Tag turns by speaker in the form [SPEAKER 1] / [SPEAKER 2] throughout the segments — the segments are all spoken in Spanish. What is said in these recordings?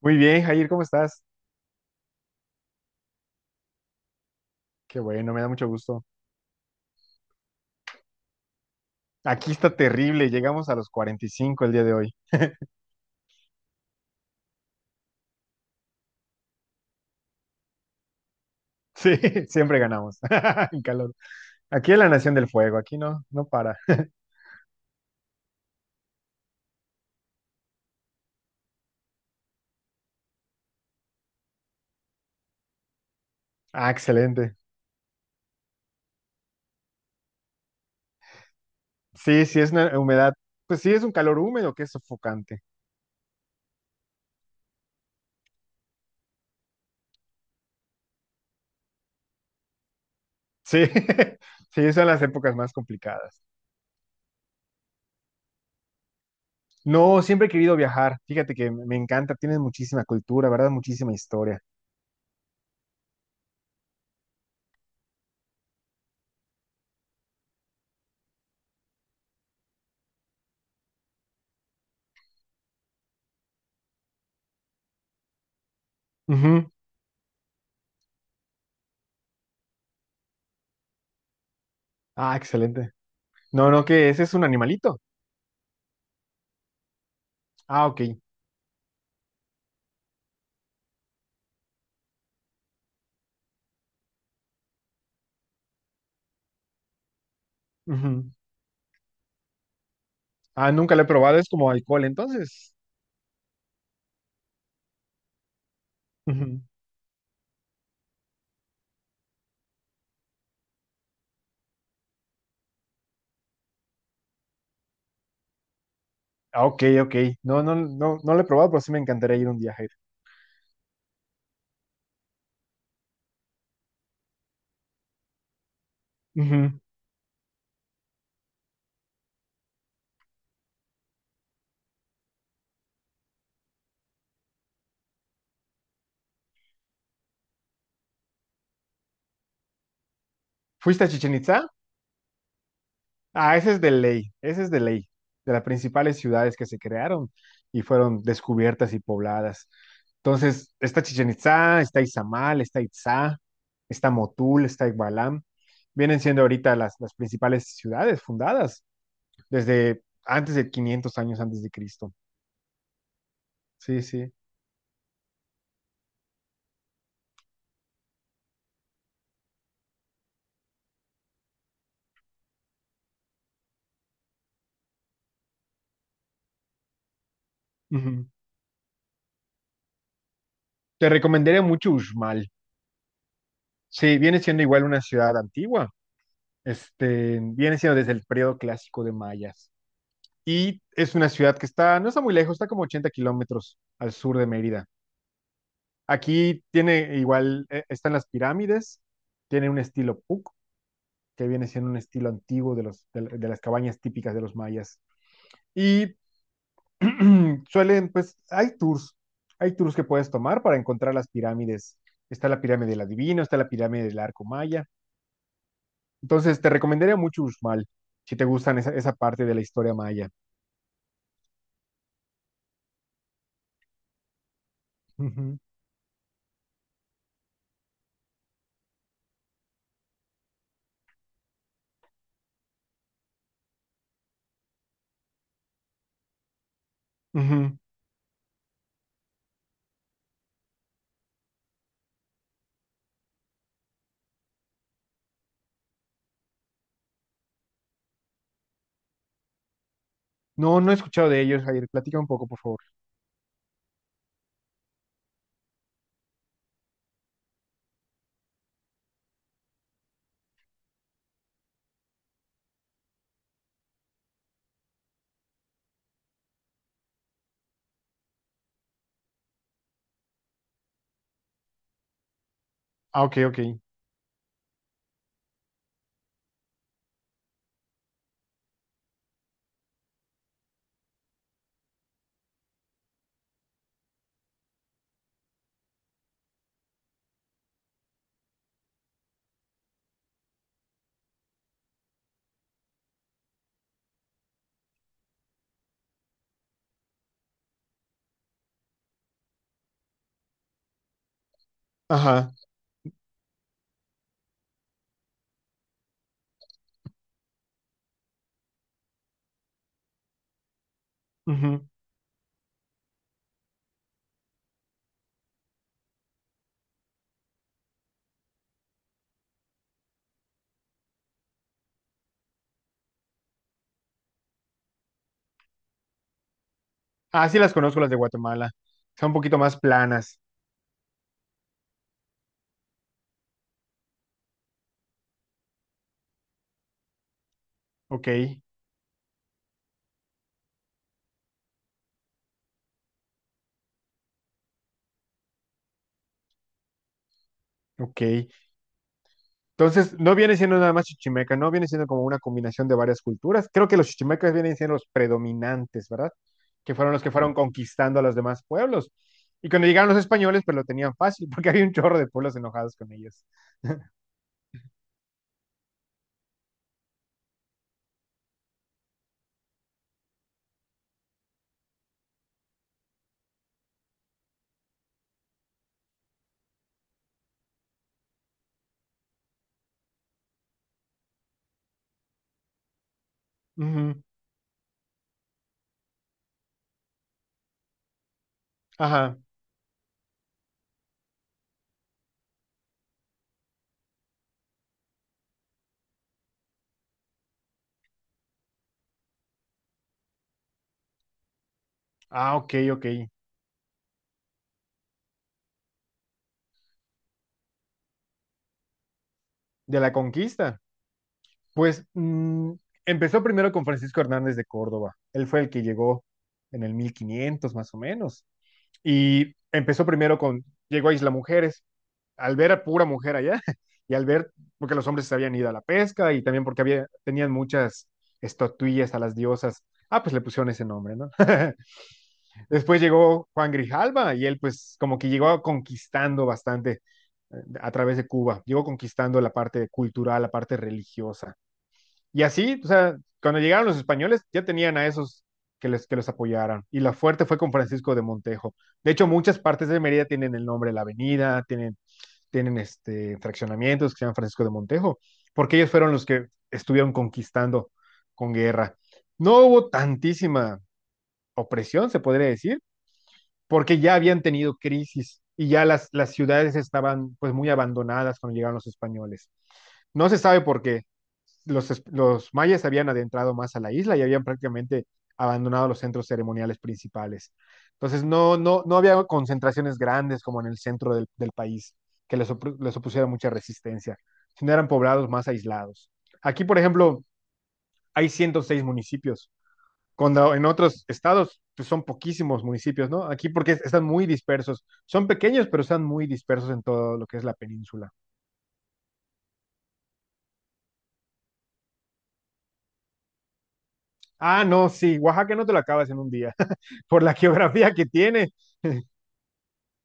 [SPEAKER 1] Muy bien, Jair, ¿cómo estás? Qué bueno, me da mucho gusto. Aquí está terrible, llegamos a los 45 el día de hoy. Sí, siempre ganamos. En calor. Aquí es la nación del fuego, aquí no, no para. Ah, excelente. Sí, sí, es una humedad. Pues sí, es un calor húmedo que es sofocante. Sí, sí, son las épocas más complicadas. No, siempre he querido viajar. Fíjate que me encanta, tienes muchísima cultura, ¿verdad? Muchísima historia. Ujú. Ah, excelente. No, no, que ese es un animalito. Ah, ok. Ujú. Ah, nunca lo he probado, es como alcohol, entonces. Ujú. Ah, ok, ok. No, no, no, no lo he probado, pero sí me encantaría ir un día, Jair. Ujú. ¿Fuiste a Chichen Itza? Ah, ese es de ley, ese es de ley, de las principales ciudades que se crearon y fueron descubiertas y pobladas. Entonces, está Chichen Itzá, está Izamal, está Itzá, está Motul, está Igualam. Vienen siendo ahorita las principales ciudades fundadas desde antes de 500 años antes de Cristo. Sí, sí. Ujú. Te recomendaría mucho Uxmal. Sí, viene siendo igual una ciudad antigua. Viene siendo desde el periodo clásico de mayas. Y es una ciudad que está, no está muy lejos, está como 80 km al sur de Mérida. Aquí tiene igual, están las pirámides, tiene un estilo Puc, que viene siendo un estilo antiguo de los, de las cabañas típicas de los mayas. Y pues, hay tours que puedes tomar para encontrar las pirámides. Está la pirámide del adivino, está la pirámide del arco maya. Entonces, te recomendaría mucho Uxmal, si te gustan esa parte de la historia maya. Ujú, ujú. No, no he escuchado de ellos, Jair. Platica un poco, por favor. Ah, ok, ok. Ajá. Ujú. Ah, sí las conozco las de Guatemala. Son un poquito más planas. Ok, ok. Entonces, no viene siendo nada más chichimeca, no viene siendo como una combinación de varias culturas. Creo que los chichimecas vienen siendo los predominantes, ¿verdad? Que fueron los que fueron conquistando a los demás pueblos. Y cuando llegaron los españoles, pues lo tenían fácil, porque había un chorro de pueblos enojados con ellos. Ujú. Ajá. Ah, ok, ok. De la conquista. Pues empezó primero con Francisco Hernández de Córdoba. Él fue el que llegó en el 1500 más o menos. Y empezó primero con, llegó a Isla Mujeres. Al ver a pura mujer allá y al ver, porque los hombres se habían ido a la pesca y también porque había, tenían muchas estatuillas a las diosas. Ah, pues le pusieron ese nombre, ¿no? Después llegó Juan Grijalva y él pues como que llegó conquistando bastante eh, a través de Cuba, llegó conquistando la parte cultural, la parte religiosa. Y así, o sea, cuando llegaron los españoles ya tenían a esos que les, que los apoyaran. Y la fuerte fue con Francisco de Montejo. De hecho, muchas partes de Mérida tienen el nombre de la avenida, tienen fraccionamientos que se llaman Francisco de Montejo, porque ellos fueron los que estuvieron conquistando con guerra. No hubo tantísima opresión, se podría decir, porque ya habían tenido crisis y ya las ciudades estaban pues muy abandonadas cuando llegaron los españoles. No se sabe por qué. Los mayas habían adentrado más a la isla y habían prácticamente abandonado los centros ceremoniales principales. Entonces no, no, no había concentraciones grandes como en el centro del país que les opusiera mucha resistencia, sino eran poblados más aislados. Aquí, por ejemplo, hay 106 municipios cuando en otros estados pues son poquísimos municipios, ¿no? Aquí porque están muy dispersos. Son pequeños, pero están muy dispersos en todo lo que es la península. Ah, no, sí, Oaxaca no te lo acabas en un día. Por la geografía que tiene,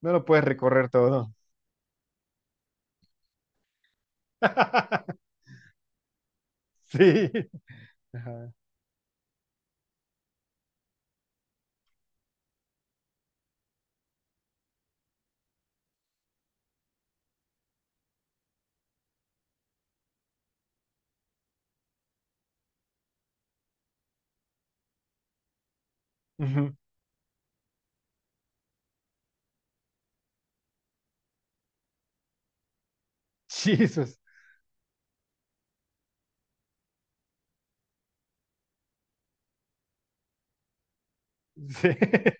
[SPEAKER 1] no lo puedes recorrer todo. Sí. Ajá. Ujú. Jesus. Sí.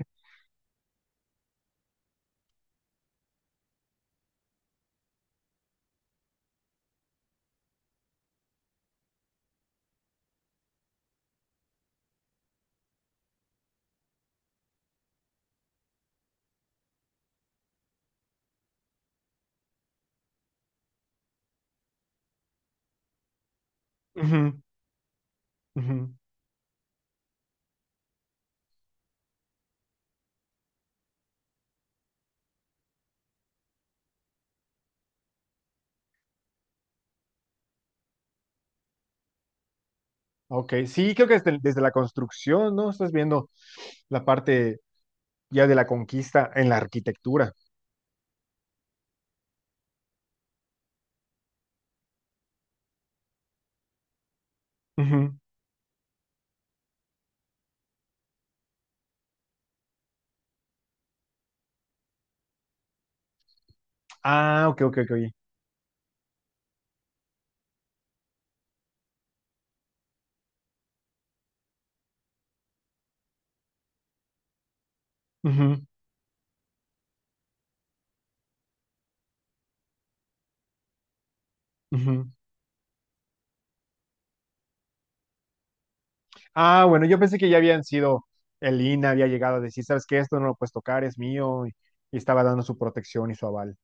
[SPEAKER 1] Ujú, ujú. Ok, sí, creo que desde la construcción, ¿no? Estás viendo la parte ya de la conquista en la arquitectura. Ujú. Ah, ok, ok, ok. Ujú. Ujú. Ah, bueno, yo pensé que ya habían sido, el INAH había llegado a decir, ¿sabes qué? Esto no lo puedes tocar, es mío, y estaba dando su protección y su aval.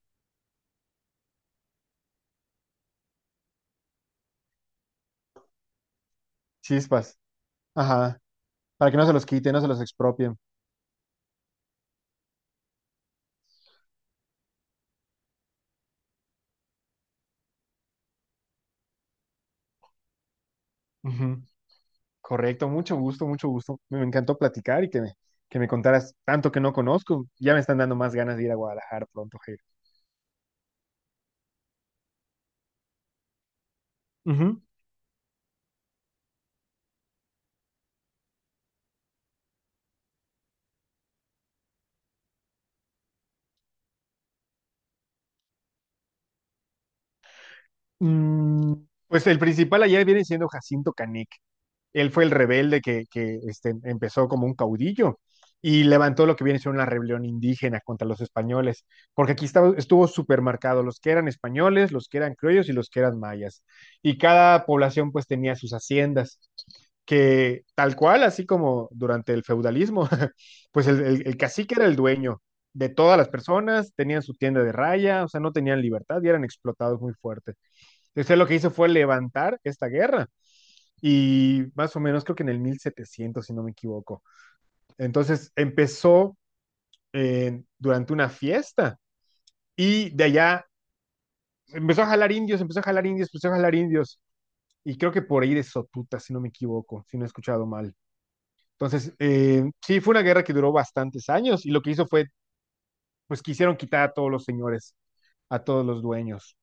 [SPEAKER 1] Chispas, ajá, para que no se los quiten, no se los expropien. Ujú. Correcto, mucho gusto, mucho gusto. Me encantó platicar y que me contaras tanto que no conozco. Ya me están dando más ganas de ir a Guadalajara pronto, Jair. Ujú. Mm, pues el principal allá viene siendo Jacinto Canek. Él fue el rebelde que empezó como un caudillo y levantó lo que viene siendo una rebelión indígena contra los españoles, porque aquí estaba, estuvo súper marcado los que eran españoles, los que eran criollos y los que eran mayas. Y cada población pues tenía sus haciendas, que tal cual, así como durante el feudalismo, pues el cacique era el dueño de todas las personas, tenían su tienda de raya, o sea, no tenían libertad y eran explotados muy fuerte. Entonces él lo que hizo fue levantar esta guerra y más o menos creo que en el 1700 si no me equivoco. Entonces empezó durante una fiesta y de allá empezó a jalar indios, empezó a jalar indios, empezó a jalar indios. Y creo que por ahí de Sotuta, si no me equivoco, si no he escuchado mal. Entonces, sí, fue una guerra que duró bastantes años y lo que hizo fue, pues quisieron quitar a todos los señores, a todos los dueños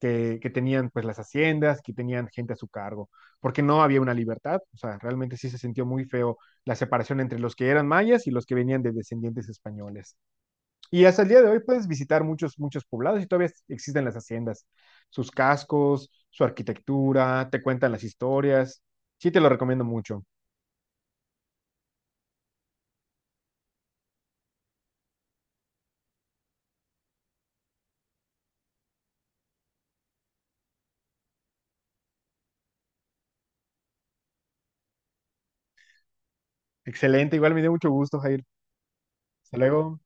[SPEAKER 1] tenían pues las haciendas, que tenían gente a su cargo, porque no había una libertad, o sea, realmente sí se sintió muy feo la separación entre los que eran mayas y los que venían de descendientes españoles. Y hasta el día de hoy puedes visitar muchos, muchos poblados y todavía existen las haciendas, sus cascos, su arquitectura, te cuentan las historias, sí te lo recomiendo mucho. Excelente, igual me dio mucho gusto, Jair. Hasta luego.